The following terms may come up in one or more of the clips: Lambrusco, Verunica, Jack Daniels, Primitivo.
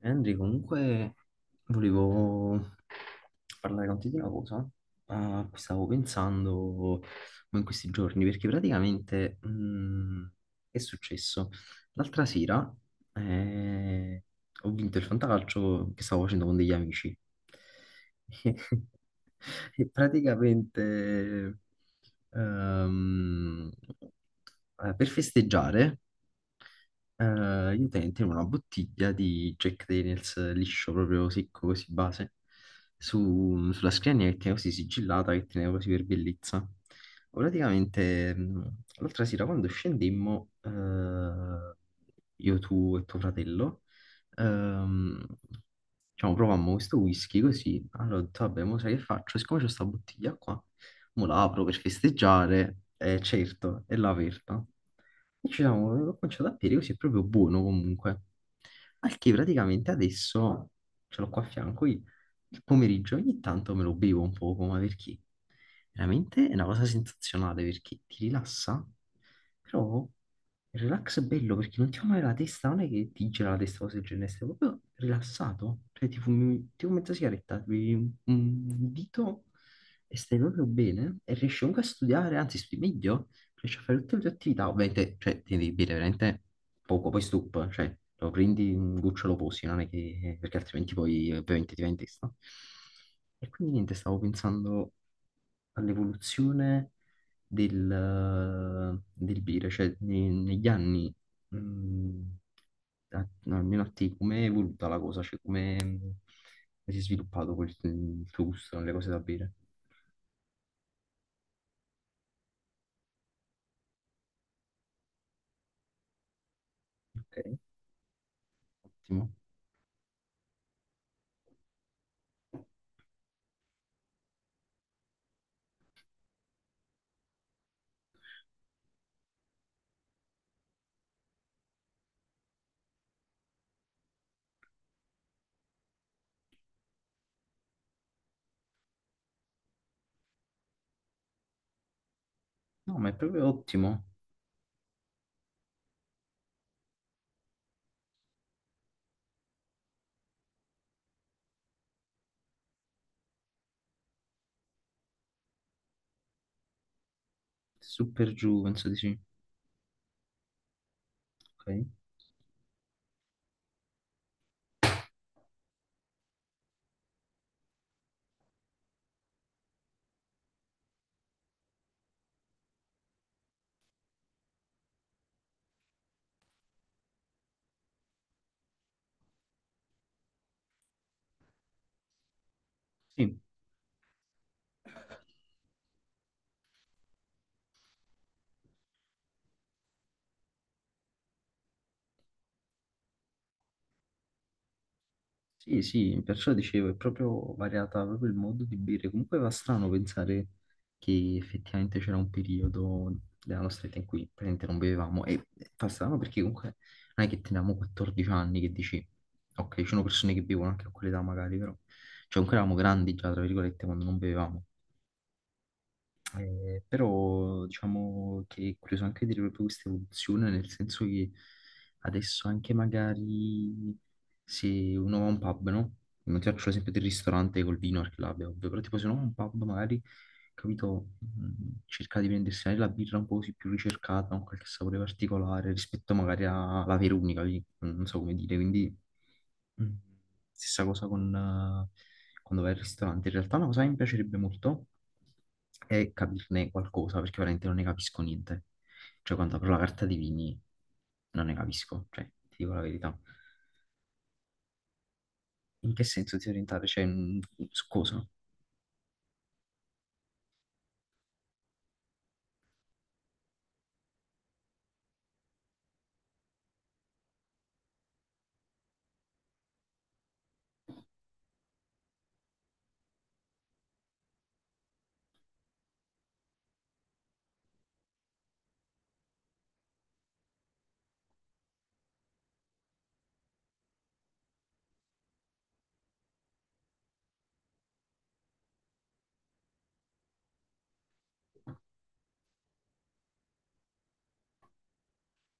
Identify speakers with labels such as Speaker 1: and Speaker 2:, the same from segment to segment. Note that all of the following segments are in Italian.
Speaker 1: Henry, comunque volevo parlare con te di una cosa a cui stavo pensando in questi giorni, perché praticamente è successo. L'altra sera eh, ho vinto il fantacalcio che stavo facendo con degli amici. E praticamente ehm, per festeggiare. Io tengo una bottiglia di Jack Daniels liscio, proprio secco, così base, sulla scrivania che tenevo così sigillata, che tenevo così per bellezza. Praticamente, l'altra sera quando scendemmo, io, tu e tuo fratello, ehm, diciamo, provammo questo whisky così, allora ho detto, vabbè, mo sai che faccio? Siccome c'è questa bottiglia qua, mo la apro per festeggiare, certo, è l'ho aperta. E ci siamo, ho cominciato a bere così, è proprio buono comunque. Al che praticamente adesso ce l'ho qua a fianco, io il pomeriggio ogni tanto me lo bevo un poco, ma perché? Veramente è una cosa sensazionale perché ti rilassa, però il relax è bello perché non ti fa male la testa, non è che ti gira la testa o cose del genere, stai proprio rilassato, cioè ti fumi mezza sigaretta, ti bevi un dito e stai proprio bene e riesci comunque a studiare, anzi studi meglio, riesci a fare tutte le tue attività, ovviamente, cioè, ti devi bere veramente poco, poi cioè, lo prendi un goccio, lo posi, non è che, perché altrimenti poi ovviamente ti va in testa. E quindi niente, stavo pensando all'evoluzione del bere, cioè, negli anni, mh, no, almeno a te, come è evoluta la cosa, cioè, come si è sviluppato il tuo gusto nelle cose da bere? Ok. Ottimo. No, ma è proprio ottimo. Super giù, penso di sì. Ok. Sì, sì, sì, perciò dicevo, è proprio variata proprio il modo di bere. Comunque va strano pensare che effettivamente c'era un periodo della nostra vita in cui praticamente non bevevamo. E fa strano perché comunque non è che teniamo 14 anni che dici, ok, ci sono persone che bevono anche a quell'età magari, però. Cioè, comunque eravamo grandi già, tra virgolette, quando non bevevamo. Però diciamo che è curioso anche vedere proprio questa evoluzione, nel senso che adesso anche magari se uno va a un pub, no? Non ti faccio l'esempio del ristorante col vino, perché l'abbia ovvio, però tipo se uno va a un pub magari, capito, cerca di prendersi magari la birra un po' così più ricercata, con qualche sapore particolare rispetto magari alla Verunica, lì, non so come dire, quindi. Mm. Stessa cosa con quando vai al ristorante. In realtà una cosa che mi piacerebbe molto è capirne qualcosa, perché veramente non ne capisco niente. Cioè, quando apro la carta dei vini non ne capisco, cioè, ti dico la verità. In che senso ti orientare? Cioè, su cosa?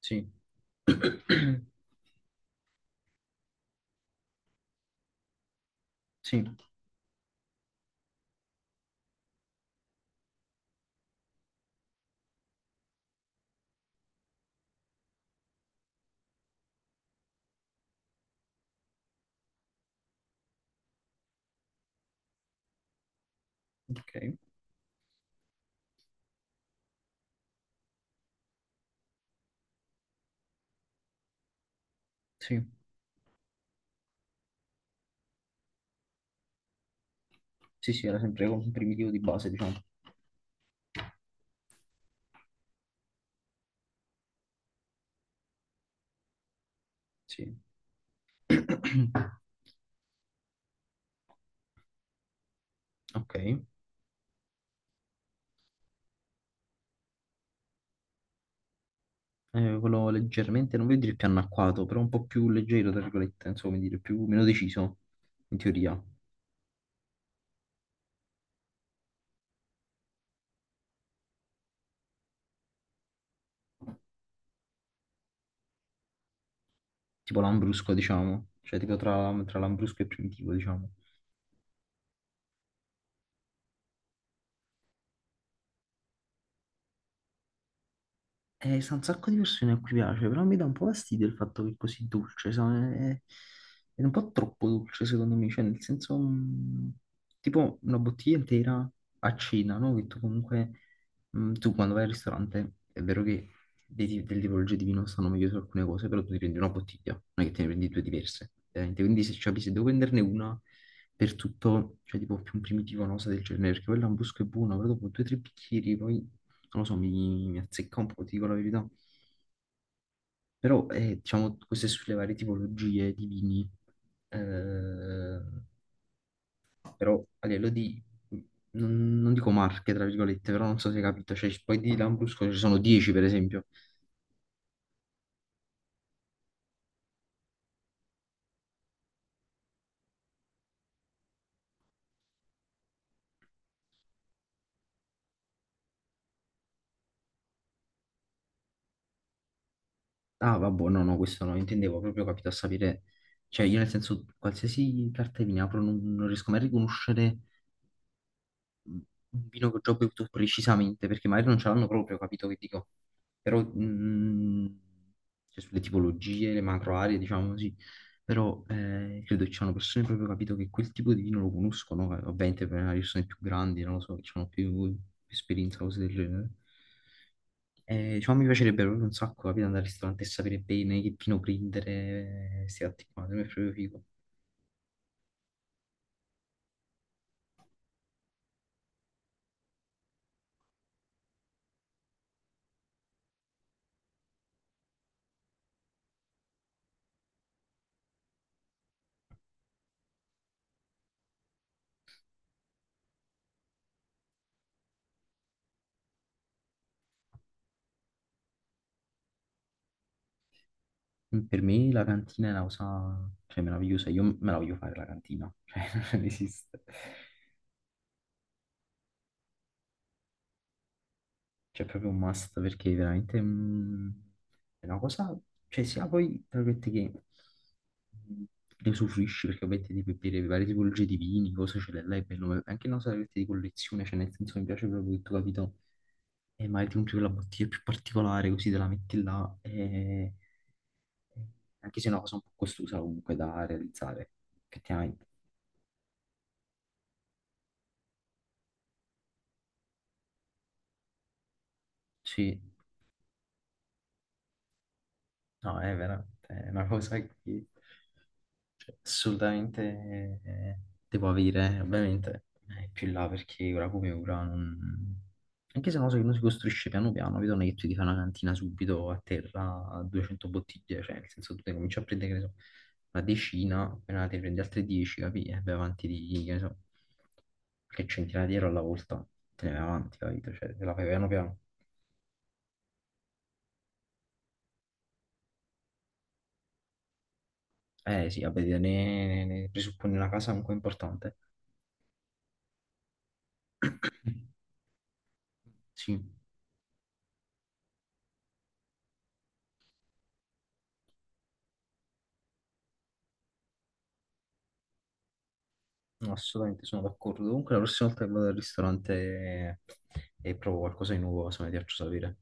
Speaker 1: Sì. Sì, ok. Sì, sì, sì, era sempre un primitivo di base, diciamo. Sì. Ok. Quello leggermente, non voglio dire più anacquato, però un po' più leggero, tra virgolette, insomma, come dire, più, meno deciso, in teoria. Tipo Lambrusco, diciamo. Cioè, tipo tra Lambrusco e Primitivo, diciamo. Sta un sacco di persone a cui piace, però mi dà un po' fastidio il fatto che è così dolce, sa, è un po' troppo dolce secondo me, cioè nel senso, tipo una bottiglia intera a cena, no? Che tu comunque, tu quando vai al ristorante, è vero che delle tipologie di vino stanno meglio su alcune cose, però tu ti prendi una bottiglia, non è che te ne prendi due diverse, ovviamente. Quindi se, capisci se devo prenderne una, per tutto, cioè tipo più un primitivo, una cosa del genere, perché poi il lambrusco è buono, però dopo due o tre bicchieri poi, non lo so, mi azzecca un po', ti dico la verità. Però, diciamo, queste sulle varie tipologie di vini, eh, però a livello di, non dico marche, tra virgolette, però non so se hai capito, cioè poi di lambrusco ci sono 10 per esempio. Ah, vabbè, no, no, questo no, intendevo proprio capito a sapere, cioè io nel senso, qualsiasi carta di vino apro non riesco mai a riconoscere un vino che ho già bevuto precisamente, perché magari non ce l'hanno proprio, capito che dico? Però cioè, sulle tipologie, le macro aree, diciamo così. Però credo che ci sono persone proprio capito che quel tipo di vino lo conoscono, ovviamente per le persone più grandi, non lo so, che hanno più esperienza, cose del genere. Diciamo, mi piacerebbe proprio un sacco capito, andare al ristorante e sapere bene che vino prendere, sti atti qua, per me è proprio figo. Per me la cantina è una cosa, cioè, meravigliosa. Io me la voglio fare la cantina, cioè, non esiste. Cioè, è proprio un must perché veramente è una cosa, cioè, sia poi, tra virgolette, che mm, ne usufruisci perché ovviamente devi bere varie tipologie di vini, cose ce le l'hai, è bello, ma è anche una cosa, tra virgolette, di collezione, cioè, nel senso, mi piace proprio che tu, capito, e magari ti compri quella bottiglia più particolare, così te la metti là, e anche se è una cosa un po' costosa comunque da realizzare, effettivamente. Sì, no, è veramente è una cosa che cioè, assolutamente devo avere, ovviamente è più in là perché ora come ora non. Anche se è una cosa che non si costruisce piano piano, capito? Non è che tu ti fai una cantina subito a terra a 200 bottiglie, cioè nel senso tu te ne cominci a prendere, che ne so, una decina, appena te ne prendi altre 10, capi? E vai avanti di, che ne so, qualche centinaia di euro alla volta, te ne vai avanti, capito? Cioè te la fai piano piano. Eh sì, vabbè, ne presuppone una casa un po' importante. Sì, no, assolutamente sono d'accordo. Comunque la prossima volta che vado al ristorante e provo qualcosa di nuovo, se mi piaccio sapere.